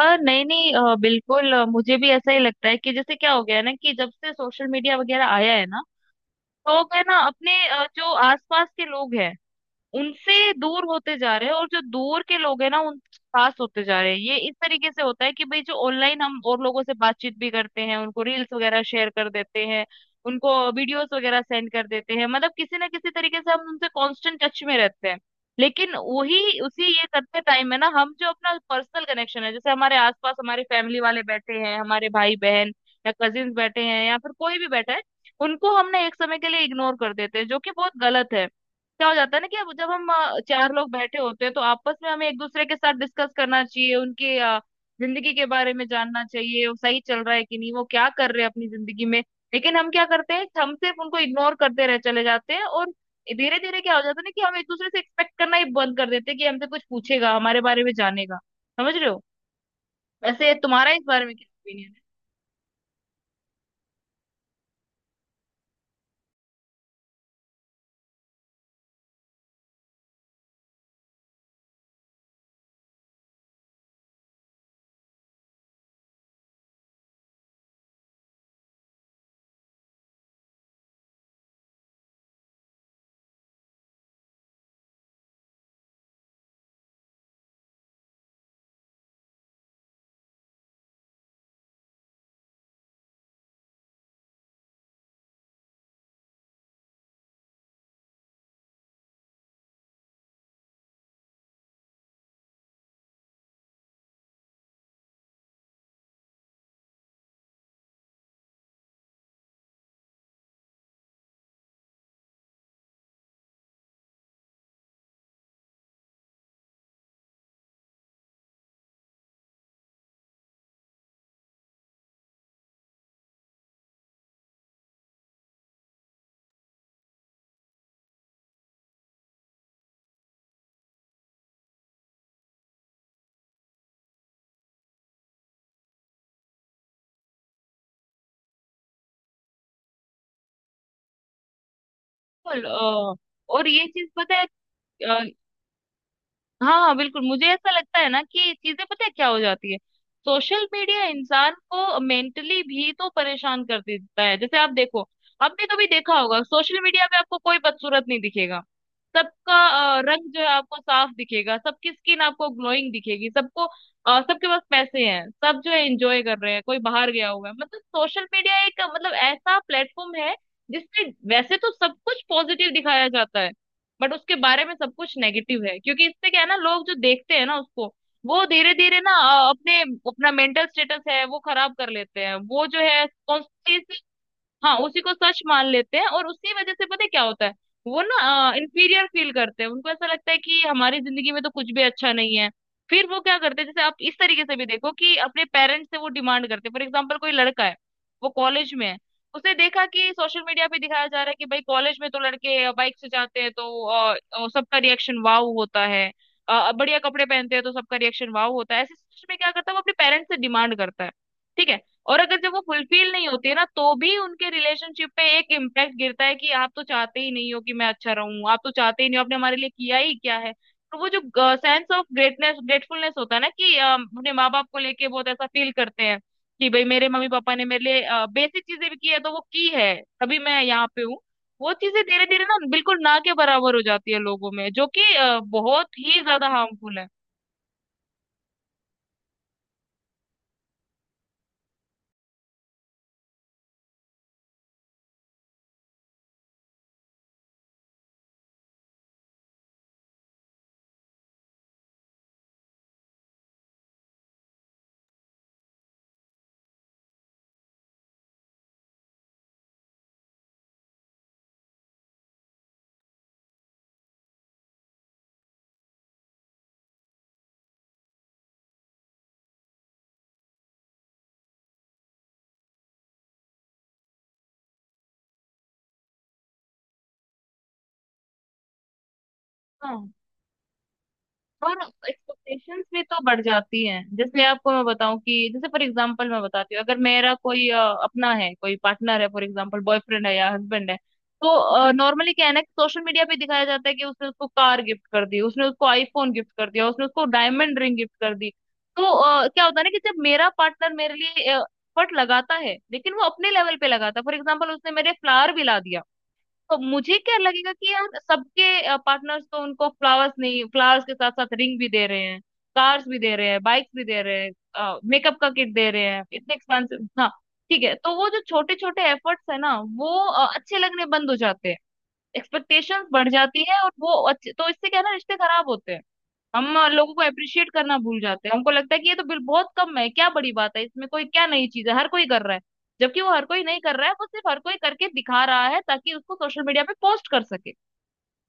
आ, नहीं नहीं अ, बिल्कुल, मुझे भी ऐसा ही लगता है कि जैसे क्या हो गया है ना कि जब से सोशल मीडिया वगैरह आया है ना। तो लोग है ना अपने जो आसपास के लोग हैं उनसे दूर होते जा रहे हैं, और जो दूर के लोग हैं ना उनसे पास होते जा रहे हैं। ये इस तरीके से होता है कि भाई जो ऑनलाइन हम और लोगों से बातचीत भी करते हैं, उनको रील्स वगैरह शेयर कर देते हैं, उनको वीडियोस वगैरह सेंड कर देते हैं। मतलब किसी ना किसी तरीके से हम उनसे कांस्टेंट टच में रहते हैं। लेकिन वही उसी ये करते टाइम है ना, हम जो अपना पर्सनल कनेक्शन है, जैसे हमारे आसपास हमारे फैमिली वाले बैठे हैं, हमारे भाई बहन या कजिन्स बैठे हैं, या फिर कोई भी बैठा है, उनको हमने एक समय के लिए इग्नोर कर देते हैं, जो कि बहुत गलत है। क्या हो जाता है ना कि अब जब हम चार लोग बैठे होते हैं, तो आपस में हमें एक दूसरे के साथ डिस्कस करना चाहिए उनके जिंदगी के बारे में जानना चाहिए, वो सही चल रहा है कि नहीं, वो क्या कर रहे हैं अपनी जिंदगी में। लेकिन हम क्या करते हैं, हम सिर्फ उनको इग्नोर करते रह चले जाते हैं। और धीरे धीरे क्या हो जाता है ना कि हम एक दूसरे से एक्सपेक्ट करना ही बंद कर देते हैं कि हमसे कुछ पूछेगा, हमारे बारे में जानेगा। समझ रहे हो? वैसे तुम्हारा इस बारे में क्या ओपिनियन है? बिल्कुल। अ, और ये चीज पता है, हाँ हाँ बिल्कुल। मुझे ऐसा लगता है ना कि चीजें पता है क्या हो जाती है, सोशल मीडिया इंसान को मेंटली भी तो परेशान कर देता है। जैसे आप देखो, आपने कभी देखा होगा सोशल मीडिया पे आपको कोई बदसूरत नहीं दिखेगा। सबका रंग जो है आपको साफ दिखेगा, सबकी स्किन आपको ग्लोइंग दिखेगी, सबको, सबके पास पैसे हैं, सब जो है एंजॉय कर रहे हैं, कोई बाहर गया हुआ है। मतलब सोशल मीडिया एक मतलब ऐसा प्लेटफॉर्म है जिसमें वैसे तो सब कुछ पॉजिटिव दिखाया जाता है, बट उसके बारे में सब कुछ नेगेटिव है। क्योंकि इससे क्या है ना, लोग जो देखते हैं ना उसको, वो धीरे धीरे ना अपने अपना मेंटल स्टेटस है वो खराब कर लेते हैं। वो जो है कॉन्स्टेंटली हाँ उसी को सच मान लेते हैं, और उसी वजह से पता है क्या होता है, वो ना इंफीरियर फील करते हैं। उनको ऐसा लगता है कि हमारी जिंदगी में तो कुछ भी अच्छा नहीं है। फिर वो क्या करते हैं, जैसे आप इस तरीके से भी देखो कि अपने पेरेंट्स से वो डिमांड करते हैं। फॉर एग्जाम्पल, कोई लड़का है, वो कॉलेज में है, उसे देखा कि सोशल मीडिया पे दिखाया जा रहा है कि भाई कॉलेज में तो लड़के बाइक से जाते हैं, तो सबका रिएक्शन वाव होता है। बढ़िया कपड़े पहनते हैं तो सबका रिएक्शन वाव होता है। ऐसे सिचुएशन में क्या करता है, वो अपने पेरेंट्स से डिमांड करता है। ठीक है? और अगर जब वो फुलफिल नहीं होती है ना, तो भी उनके रिलेशनशिप पे एक इम्पैक्ट गिरता है कि आप तो चाहते ही नहीं हो कि मैं अच्छा रहूं, आप तो चाहते ही नहीं हो, आपने हमारे लिए किया ही क्या है। तो वो जो सेंस ऑफ ग्रेटनेस ग्रेटफुलनेस होता है ना कि, अपने माँ बाप को लेके बहुत ऐसा फील करते हैं कि भाई मेरे मम्मी पापा ने मेरे लिए बेसिक चीजें भी की है तो वो की है, तभी मैं यहाँ पे हूँ। वो चीजें धीरे धीरे ना बिल्कुल ना के बराबर हो जाती है लोगों में, जो कि बहुत ही ज्यादा हार्मफुल है। हाँ, और एक्सपेक्टेशंस भी तो बढ़ जाती हैं। जैसे आपको मैं बताऊं कि जैसे फॉर एग्जांपल मैं बताती हूँ, अगर मेरा कोई अपना है, कोई पार्टनर है, फॉर एग्जांपल बॉयफ्रेंड है या हस्बैंड है, तो नॉर्मली क्या है ना कि सोशल मीडिया पे दिखाया जाता है कि उसने उसको कार गिफ्ट कर दी, उसने उसको आईफोन गिफ्ट कर दिया, उसने उसको डायमंड रिंग गिफ्ट कर दी। तो, क्या होता है ना कि जब मेरा पार्टनर मेरे लिए एफर्ट लगाता है, लेकिन वो अपने लेवल पे लगाता है, फॉर एग्जाम्पल उसने मेरे फ्लावर भी ला दिया, तो मुझे क्या लगेगा कि यार सबके पार्टनर्स तो उनको फ्लावर्स नहीं, फ्लावर्स के साथ साथ रिंग भी दे रहे हैं, कार्स भी दे रहे हैं, बाइक्स भी दे रहे हैं, मेकअप का किट दे रहे हैं, इतने एक्सपेंसिव। हाँ ठीक है। तो वो जो छोटे छोटे एफर्ट्स है ना, वो अच्छे लगने बंद हो जाते हैं, एक्सपेक्टेशंस बढ़ जाती है, और वो अच्छे, तो इससे क्या है ना, रिश्ते खराब होते हैं। हम लोगों को अप्रिशिएट करना भूल जाते हैं। हमको लगता है कि ये तो बिल बहुत कम है, क्या बड़ी बात है इसमें, कोई क्या नई चीज है, हर कोई कर रहा है। जबकि वो हर कोई नहीं कर रहा है, वो सिर्फ हर कोई करके दिखा रहा है ताकि उसको सोशल मीडिया पे पोस्ट कर सके।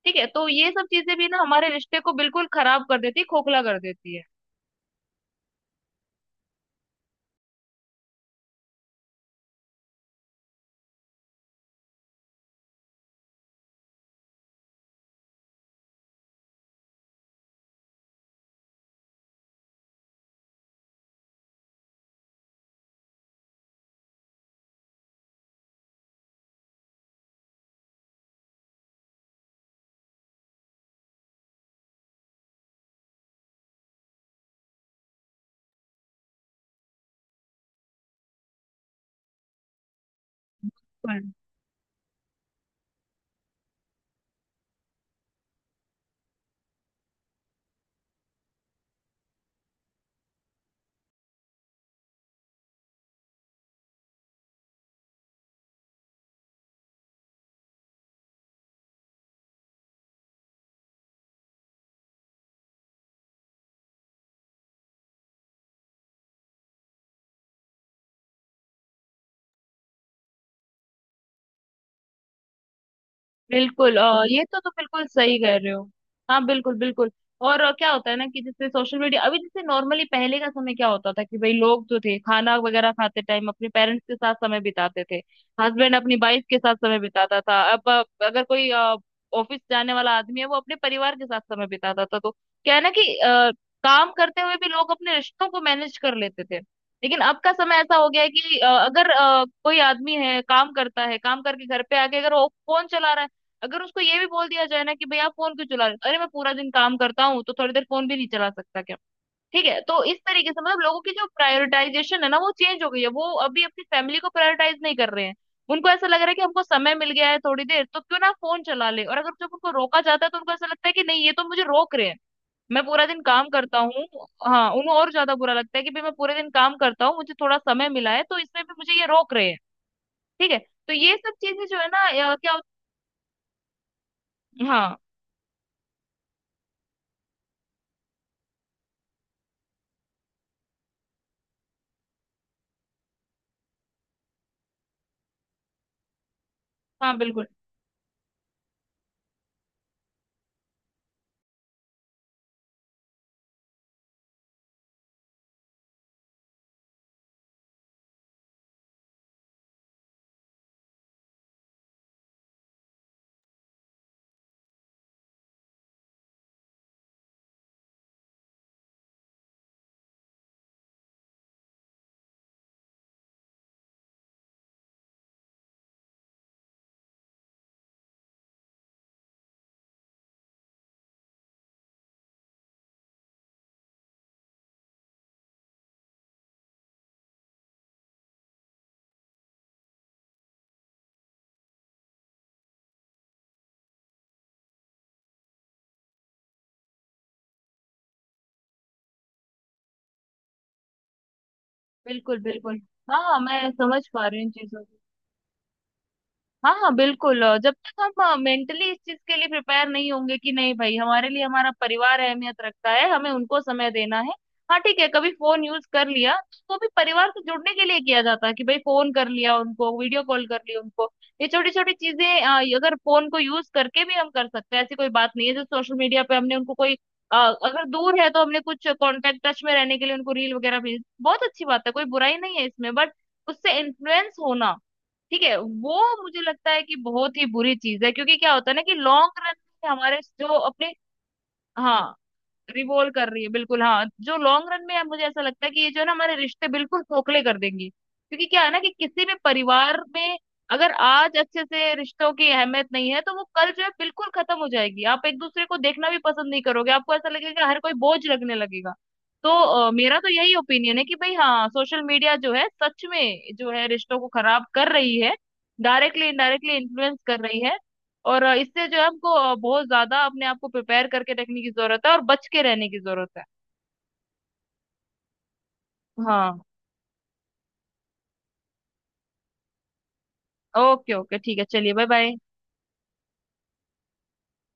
ठीक है? तो ये सब चीजें भी ना हमारे रिश्ते को बिल्कुल खराब कर देती है, खोखला कर देती है। बिल्कुल, ये तो तुम बिल्कुल सही कह रहे हो। हाँ बिल्कुल बिल्कुल। और क्या होता है ना कि जैसे सोशल मीडिया अभी, जैसे नॉर्मली पहले का समय क्या होता था कि भाई लोग जो थे खाना वगैरह खाते टाइम अपने पेरेंट्स के साथ समय बिताते थे, हस्बैंड अपनी वाइफ के साथ समय बिताता था। अब, अगर कोई ऑफिस जाने वाला आदमी है, वो अपने परिवार के साथ समय बिताता था। तो क्या है ना कि काम करते हुए भी लोग अपने रिश्तों को मैनेज कर लेते थे। लेकिन अब का समय ऐसा हो गया है कि अगर कोई आदमी है काम करता है, काम करके घर पे आके अगर वो फोन चला रहा है, अगर उसको ये भी बोल दिया जाए ना कि भैया आप फोन क्यों चला रहे हो, अरे मैं पूरा दिन काम करता हूँ तो थोड़ी देर फोन भी नहीं चला सकता क्या? ठीक है? तो इस तरीके से मतलब लोगों की जो प्रायोरिटाइजेशन है ना, वो चेंज हो गई है। वो अभी अपनी फैमिली को प्रायोरिटाइज नहीं कर रहे हैं। उनको ऐसा लग रहा है कि हमको समय मिल गया है थोड़ी देर, तो क्यों ना फोन चला ले। और अगर जब उनको रोका जाता है तो उनको ऐसा लगता है कि नहीं, ये तो मुझे रोक रहे हैं, मैं पूरा दिन काम करता हूँ। हाँ, उन्हें और ज्यादा बुरा लगता है कि भाई मैं पूरे दिन काम करता हूँ, मुझे थोड़ा समय मिला है, तो इसमें भी मुझे ये रोक रहे हैं। ठीक है? तो ये सब चीजें जो है ना, या क्या, हाँ हाँ बिल्कुल बिल्कुल बिल्कुल। हाँ हाँ मैं समझ पा रही हूँ इन चीजों। हाँ हाँ बिल्कुल, जब तक हम मेंटली इस चीज के लिए प्रिपेयर नहीं होंगे कि नहीं भाई हमारे लिए हमारा परिवार अहमियत रखता है, हमें उनको समय देना है। हाँ ठीक है, कभी फोन यूज कर लिया तो भी परिवार से जुड़ने के लिए किया जाता है कि भाई फोन कर लिया उनको, वीडियो कॉल कर लिया उनको, ये छोटी छोटी चीजें, ये अगर फोन को यूज करके भी हम कर सकते हैं, ऐसी कोई बात नहीं है जो सोशल मीडिया पे हमने उनको कोई, अगर दूर है तो हमने कुछ कांटेक्ट टच में रहने के लिए उनको रील वगैरह भेज, बहुत अच्छी बात है, कोई बुराई नहीं है इसमें। बट उससे इन्फ्लुएंस होना, ठीक है, वो मुझे लगता है कि बहुत ही बुरी चीज है। क्योंकि क्या होता है ना कि लॉन्ग रन में हमारे जो अपने, हाँ रिवॉल्व कर रही है बिल्कुल, हाँ जो लॉन्ग रन में यार मुझे ऐसा लगता है कि ये जो है ना हमारे रिश्ते बिल्कुल खोखले कर देंगी। क्योंकि क्या है ना कि किसी भी परिवार में अगर आज अच्छे से रिश्तों की अहमियत नहीं है, तो वो कल जो है बिल्कुल खत्म हो जाएगी। आप एक दूसरे को देखना भी पसंद नहीं करोगे, आपको ऐसा लगेगा, हर कोई बोझ लगने लगेगा। तो, मेरा तो यही ओपिनियन है कि भाई हाँ, सोशल मीडिया जो है सच में जो है रिश्तों को खराब कर रही है, डायरेक्टली इनडायरेक्टली इन्फ्लुएंस कर रही है। और इससे जो है हमको बहुत ज्यादा अपने आप को प्रिपेयर करके रखने की जरूरत है, और बच के रहने की जरूरत है। हाँ ओके ओके ठीक है, चलिए बाय बाय।